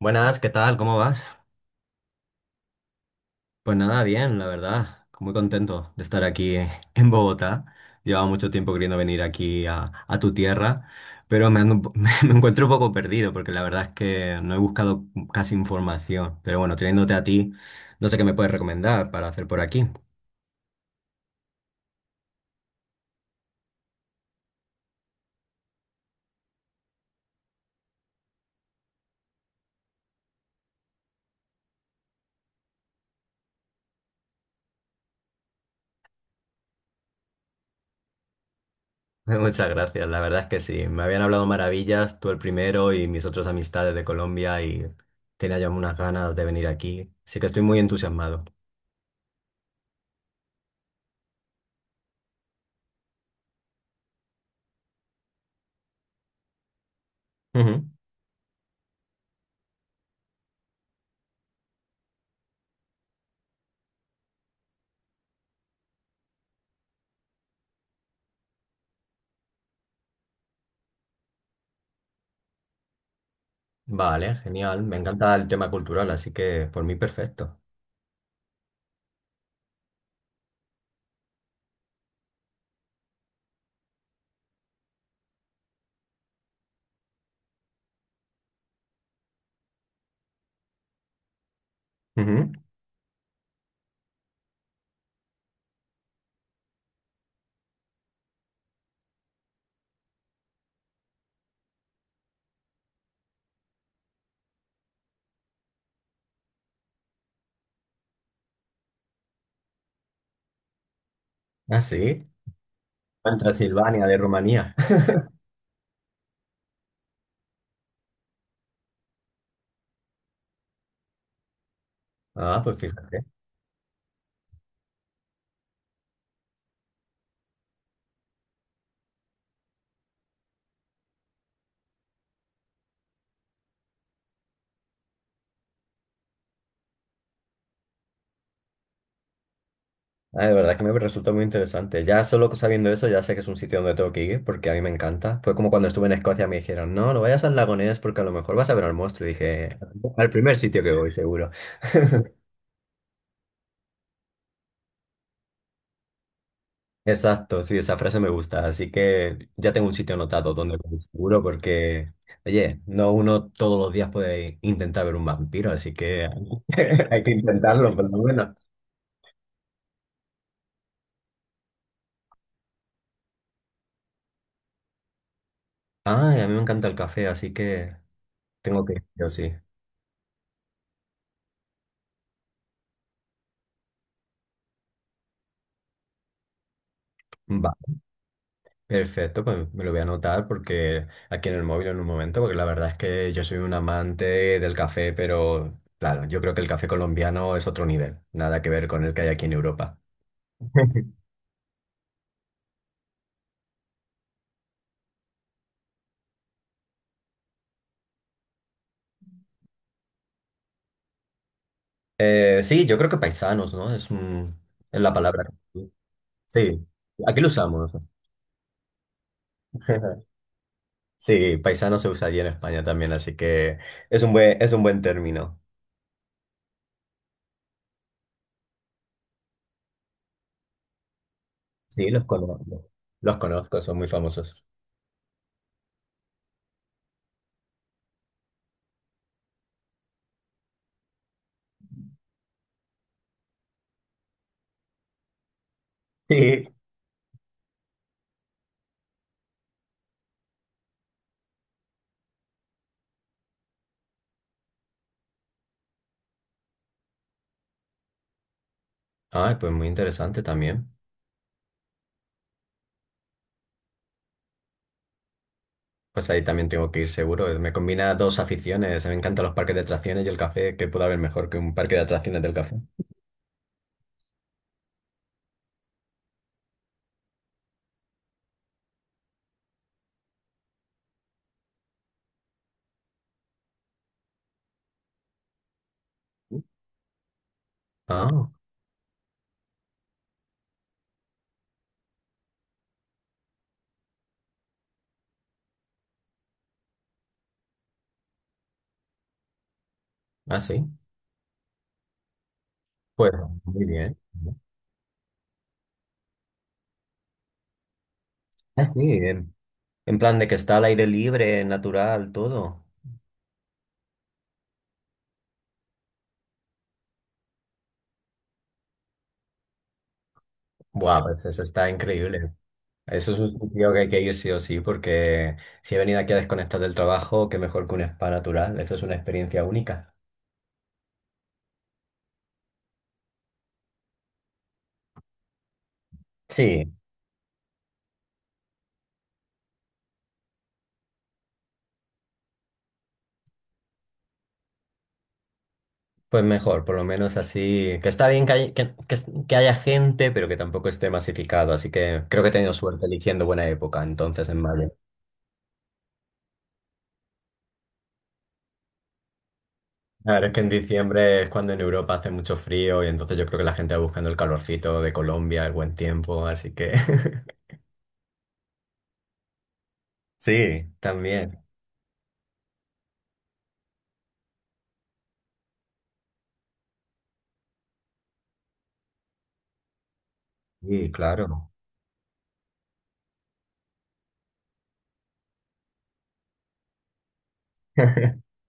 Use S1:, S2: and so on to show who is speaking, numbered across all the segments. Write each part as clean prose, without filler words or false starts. S1: Buenas, ¿qué tal? ¿Cómo vas? Pues nada, bien, la verdad. Muy contento de estar aquí en Bogotá. Llevaba mucho tiempo queriendo venir aquí a tu tierra, pero me, me encuentro un poco perdido porque la verdad es que no he buscado casi información. Pero bueno, teniéndote a ti, no sé qué me puedes recomendar para hacer por aquí. Muchas gracias, la verdad es que sí. Me habían hablado maravillas, tú el primero y mis otras amistades de Colombia y tenía ya unas ganas de venir aquí. Sí que estoy muy entusiasmado. Vale, genial. Me encanta el tema cultural, así que por mí perfecto. Ujú. Ah, sí. En Transilvania, de Rumanía. Ah, pues fíjate. Ah, de verdad que me resulta muy interesante. Ya solo sabiendo eso, ya sé que es un sitio donde tengo que ir, porque a mí me encanta. Fue como cuando estuve en Escocia, me dijeron, no, no vayas al lago Ness porque a lo mejor vas a ver al monstruo. Y dije, al primer sitio que voy, seguro. Exacto, sí, esa frase me gusta. Así que ya tengo un sitio anotado donde comer seguro porque, oye, no uno todos los días puede intentar ver un vampiro, así que hay que intentarlo por lo menos. Ah, y a mí me encanta el café, así que tengo que ir, yo sí. Va, perfecto, pues me lo voy a anotar porque aquí en el móvil en un momento, porque la verdad es que yo soy un amante del café, pero claro, yo creo que el café colombiano es otro nivel, nada que ver con el que hay aquí en Europa. Sí, yo creo que paisanos, ¿no? Es, es la palabra. Sí, aquí lo usamos. Sí, paisano se usa allí en España también, así que es un buen término. Sí, los conozco. Los conozco, son muy famosos. Sí. Ay, pues muy interesante también. Pues ahí también tengo que ir seguro. Me combina dos aficiones. Me encantan los parques de atracciones y el café. ¿Qué puede haber mejor que un parque de atracciones del café? Ah, ah, sí. Pues muy bien. Ah, sí, bien. En plan de que está al aire libre, natural, todo. Buah, pues eso está increíble. Eso es un sitio que hay que ir sí o sí, porque si he venido aquí a desconectar del trabajo, qué mejor que un spa natural. Eso es una experiencia única. Sí, pues mejor, por lo menos así. Que está bien que haya gente, pero que tampoco esté masificado. Así que creo que he tenido suerte eligiendo buena época, entonces en mayo. Claro, es que en diciembre es cuando en Europa hace mucho frío y entonces yo creo que la gente va buscando el calorcito de Colombia, el buen tiempo, así que... Sí, también. Sí, claro.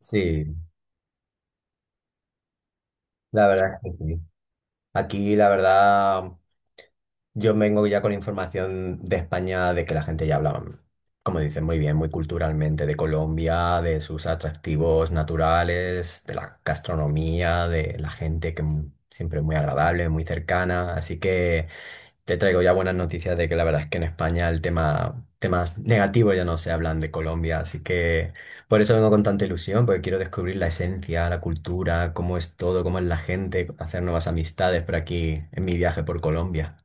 S1: Sí, la verdad es que sí. Aquí, la verdad, yo vengo ya con información de España de que la gente ya habla, como dicen, muy bien, muy culturalmente, de Colombia, de sus atractivos naturales, de la gastronomía, de la gente que siempre es muy agradable, muy cercana. Así que te traigo ya buenas noticias de que la verdad es que en España el tema, temas negativos ya no se hablan de Colombia, así que por eso vengo con tanta ilusión, porque quiero descubrir la esencia, la cultura, cómo es todo, cómo es la gente, hacer nuevas amistades por aquí en mi viaje por Colombia.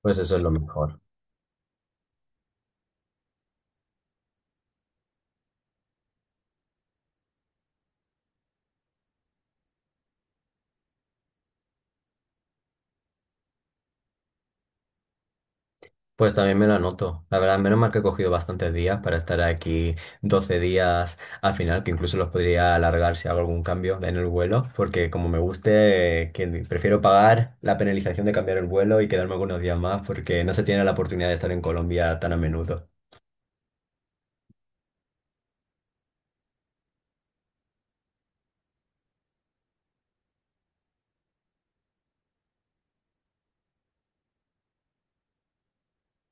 S1: Pues eso es lo mejor. Pues también me lo anoto. La verdad, menos mal que he cogido bastantes días para estar aquí 12 días al final, que incluso los podría alargar si hago algún cambio en el vuelo, porque como me guste, que prefiero pagar la penalización de cambiar el vuelo y quedarme algunos días más, porque no se tiene la oportunidad de estar en Colombia tan a menudo.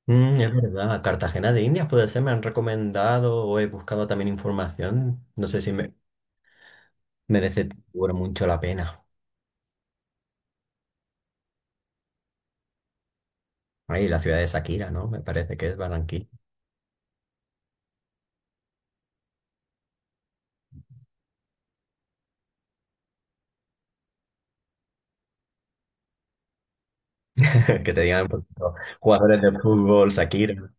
S1: Mm, es verdad, a Cartagena de Indias puede ser, me han recomendado o he buscado también información. No sé si me merece seguro mucho la pena. Ahí, la ciudad de Shakira, ¿no? Me parece que es Barranquilla. Que te digan por ejemplo, jugadores de fútbol, Shakira.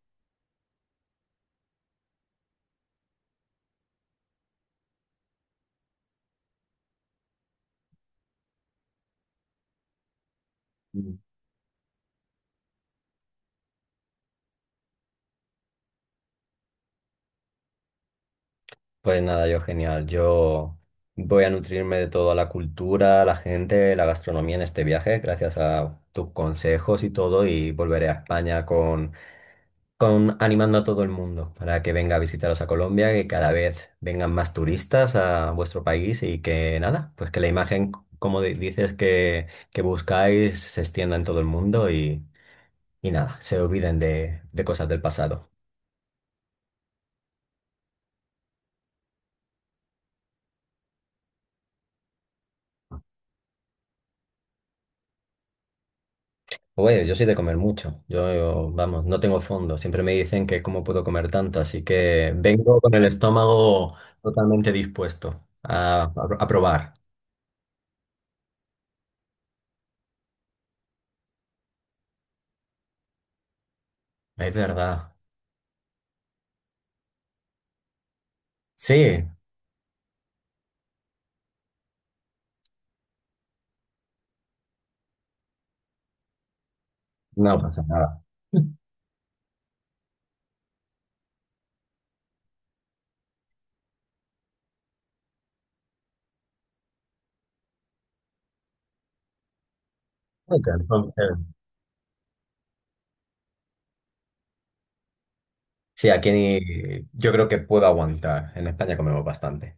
S1: Pues nada, yo genial. Yo voy a nutrirme de toda la cultura, la gente, la gastronomía en este viaje, gracias a tus consejos y todo, y volveré a España con animando a todo el mundo para que venga a visitaros a Colombia, que cada vez vengan más turistas a vuestro país y que nada, pues que la imagen, como dices, que buscáis se extienda en todo el mundo y nada, se olviden de cosas del pasado. Oye, yo soy de comer mucho. Yo, vamos, no tengo fondo. Siempre me dicen que cómo puedo comer tanto, así que vengo con el estómago totalmente dispuesto a probar. Es verdad. Sí, no pasa nada. Ok, entonces, sí, aquí yo creo que puedo aguantar. En España comemos bastante.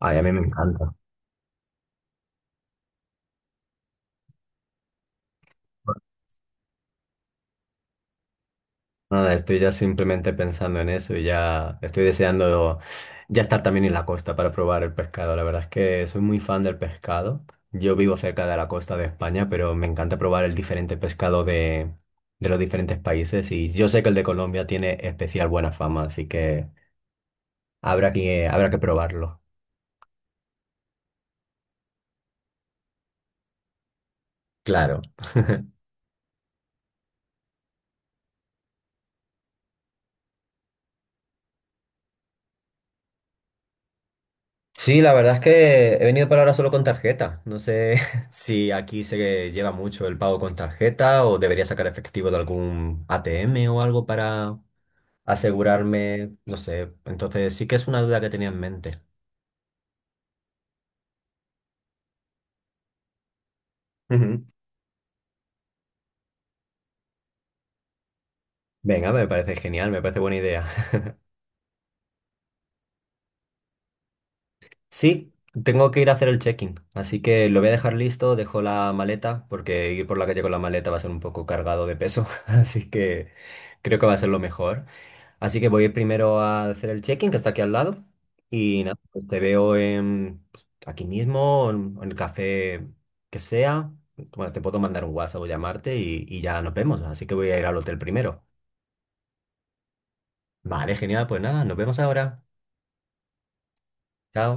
S1: Ay, a mí me encanta. Nada, estoy ya simplemente pensando en eso y ya estoy deseando ya estar también en la costa para probar el pescado. La verdad es que soy muy fan del pescado. Yo vivo cerca de la costa de España, pero me encanta probar el diferente pescado de los diferentes países y yo sé que el de Colombia tiene especial buena fama, así que habrá que probarlo. Claro. Sí, la verdad es que he venido para ahora solo con tarjeta. No sé si aquí se lleva mucho el pago con tarjeta o debería sacar efectivo de algún ATM o algo para asegurarme, no sé. Entonces sí que es una duda que tenía en mente. Ujú. Venga, me parece genial, me parece buena idea. Sí, tengo que ir a hacer el check-in, así que lo voy a dejar listo, dejo la maleta, porque ir por la calle con la maleta va a ser un poco cargado de peso, así que creo que va a ser lo mejor. Así que voy a ir primero a hacer el check-in, que está aquí al lado. Y nada, pues te veo aquí mismo, en el café que sea. Bueno, te puedo mandar un WhatsApp o llamarte y ya nos vemos. Así que voy a ir al hotel primero. Vale, genial. Pues nada, nos vemos ahora. Chao.